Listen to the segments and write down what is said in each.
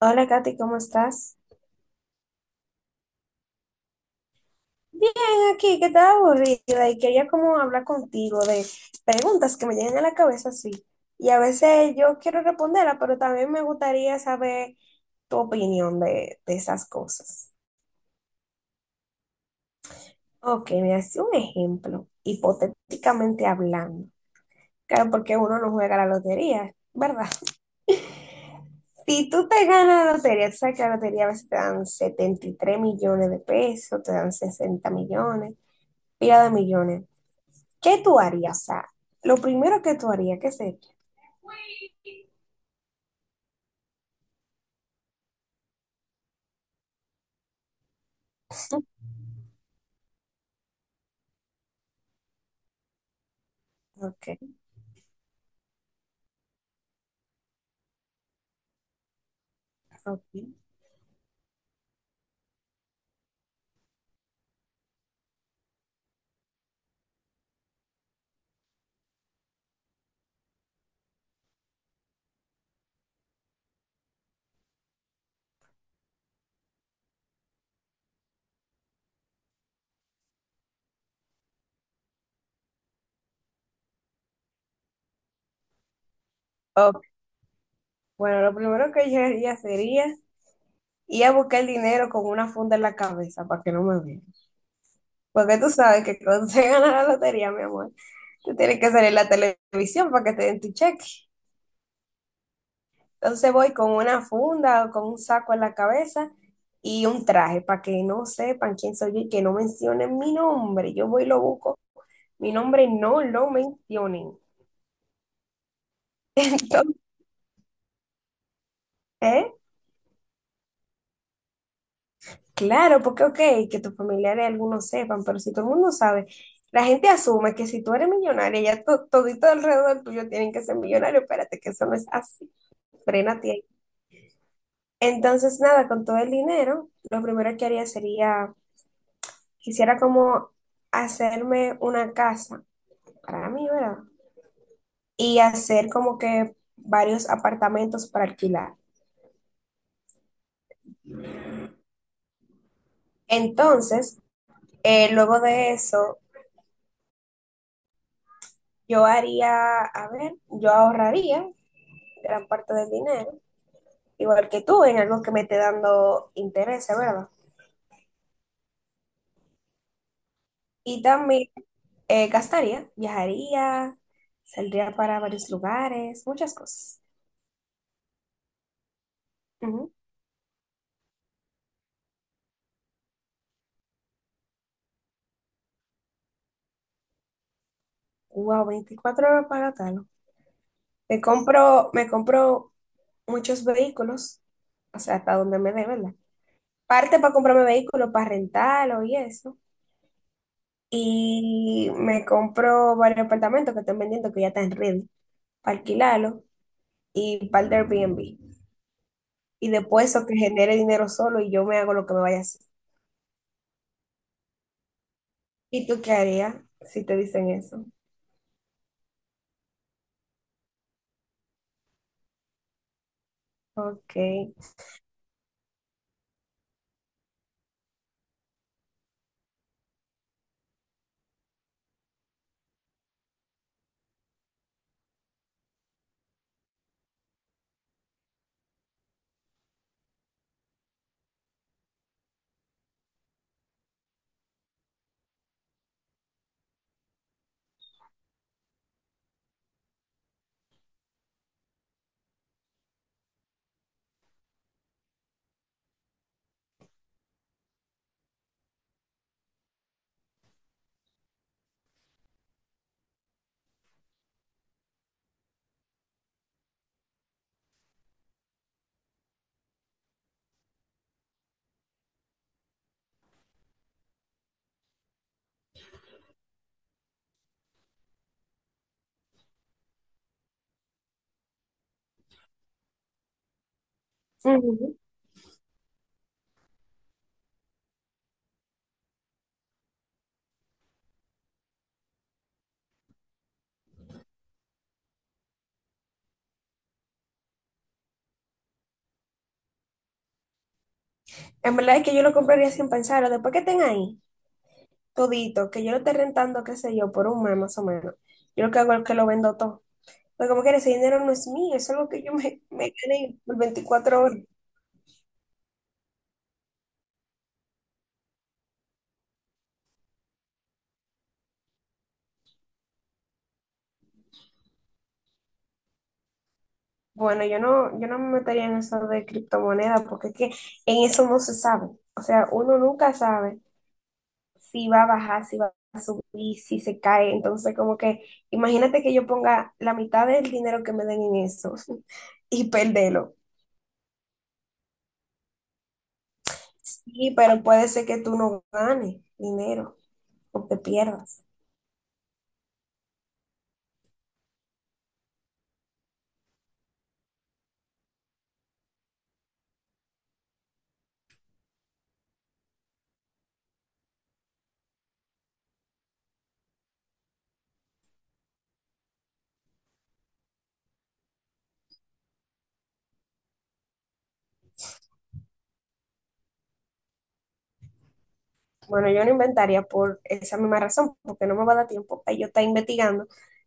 Hola Katy, ¿cómo estás? Bien, aquí, que estaba aburrida y quería como hablar contigo de preguntas que me llegan a la cabeza, sí. Y a veces yo quiero responderlas, pero también me gustaría saber tu opinión de esas cosas. Ok, me hace un ejemplo, hipotéticamente hablando. Claro, porque uno no juega la lotería, ¿verdad? Si tú te ganas la lotería, tú sabes que la lotería a veces te dan 73 millones de pesos, te dan 60 millones, pila de millones. ¿Qué tú harías? O sea, lo primero que tú harías, ¿qué sería? Ok, ok. Ok. Bueno, lo primero que yo haría sería ir a buscar el dinero con una funda en la cabeza para que no me vean. Porque tú sabes que cuando se gana la lotería, mi amor, tú tienes que salir a la televisión para que te den tu cheque. Entonces voy con una funda o con un saco en la cabeza y un traje para que no sepan quién soy yo y que no mencionen mi nombre. Yo voy y lo busco. Mi nombre no lo mencionen. Entonces, claro, porque ok, que tus familiares algunos sepan, pero si todo el mundo sabe, la gente asume que si tú eres millonaria, ya todito alrededor tuyo tienen que ser millonarios, espérate que eso no es así, frénate ahí. Entonces, nada, con todo el dinero, lo primero que haría sería, quisiera como hacerme una casa para mí, ¿verdad? Y hacer como que varios apartamentos para alquilar. Entonces, luego de eso, yo haría, a ver, yo ahorraría gran parte del dinero, igual que tú, en algo que me esté dando interés, ¿verdad? Y también gastaría, viajaría, saldría para varios lugares, muchas cosas. Ujú. Wow, 24 horas para tal. Me compro muchos vehículos, o sea, hasta donde me dé, ¿verdad? Parte para comprarme vehículos, para rentarlo y eso. Y me compro varios apartamentos que están vendiendo que ya están ready, para alquilarlo y para el Airbnb. Y después eso que genere dinero solo y yo me hago lo que me vaya a hacer. ¿Y tú qué harías si te dicen eso? Ok. Ujú. En verdad es que yo lo compraría sin pensarlo. Después que estén ahí, todito, que yo lo esté rentando, qué sé yo, por un mes más o menos. Yo lo que hago es que lo vendo todo, pero como que ese dinero no es mío, es algo que yo me gané por 24 horas. Bueno, yo no me metería en eso de criptomonedas porque es que en eso no se sabe. O sea, uno nunca sabe si va a bajar, si va a subir, si se cae. Entonces, como que imagínate que yo ponga la mitad del dinero que me den en eso y perderlo. Sí, pero puede ser que tú no ganes dinero o te pierdas. Bueno, yo no inventaría por esa misma razón, porque no me va a dar tiempo para yo estar investigando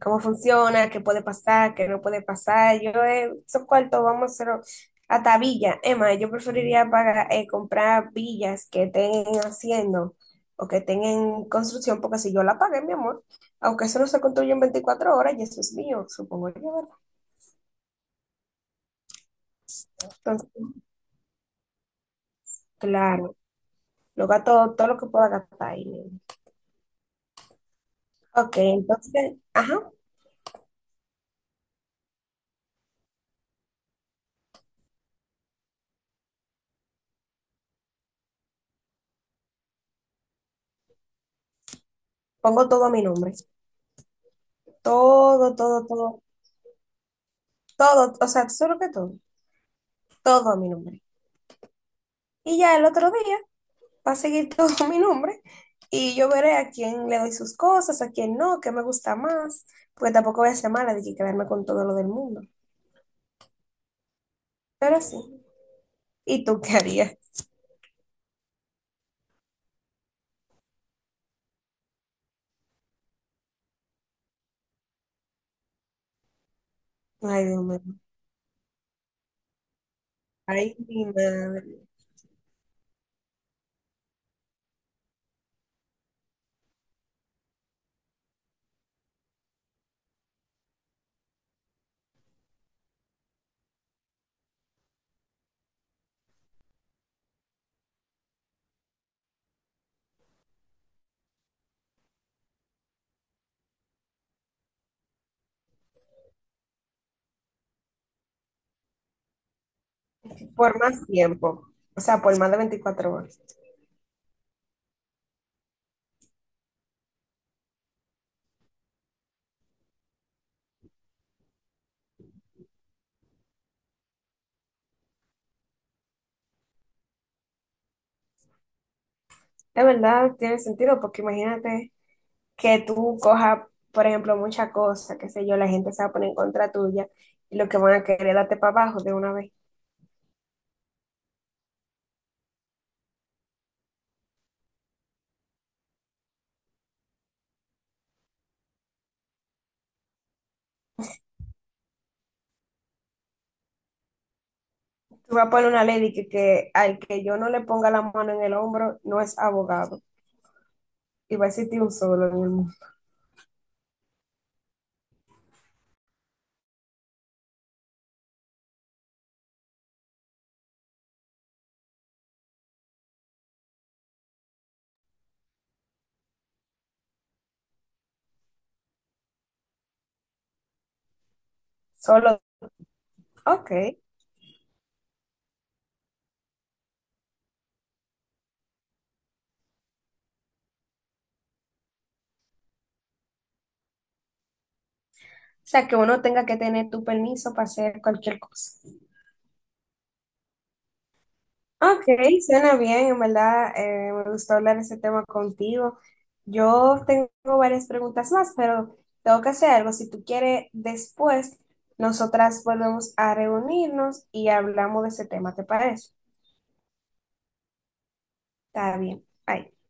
cómo funciona, qué puede pasar, qué no puede pasar. Yo esos cuartos vamos a hacerlo hasta villas. Emma, yo preferiría pagar, comprar villas que estén haciendo o que estén en construcción, porque si yo la pagué, mi amor, aunque eso no se construye en 24 horas, y eso es mío, supongo yo, ¿verdad? Entonces, claro, lo gasto todo lo que pueda gastar ahí. Ok, entonces, ajá, pongo todo a mi nombre. Todo, todo, todo, todo, o sea, solo que todo, todo a mi nombre. Y ya el otro día va a seguir todo a mi nombre y yo veré a quién le doy sus cosas, a quién no, qué me gusta más, porque tampoco voy a ser mala de que quedarme con todo lo del mundo. Pero sí. ¿Y tú qué harías? Ay, Dios mío. Ay, mi madre. Por más tiempo, o sea, por más de 24 horas. De verdad, tiene sentido, porque imagínate que tú cojas, por ejemplo, muchas cosas, qué sé yo, la gente se va a poner en contra tuya y lo que van a querer es darte para abajo de una vez. Tú vas a poner una ley de que al que yo no le ponga la mano en el hombro no es abogado y va a existir un solo en el mundo. Solo, ok. O sea, que uno tenga que tener tu permiso para hacer cualquier cosa. Ok, suena bien, en verdad, me gustó hablar de ese tema contigo. Yo tengo varias preguntas más, pero tengo que hacer algo. Si tú quieres, después nosotras volvemos a reunirnos y hablamos de ese tema, ¿te parece? Está bien. Bye.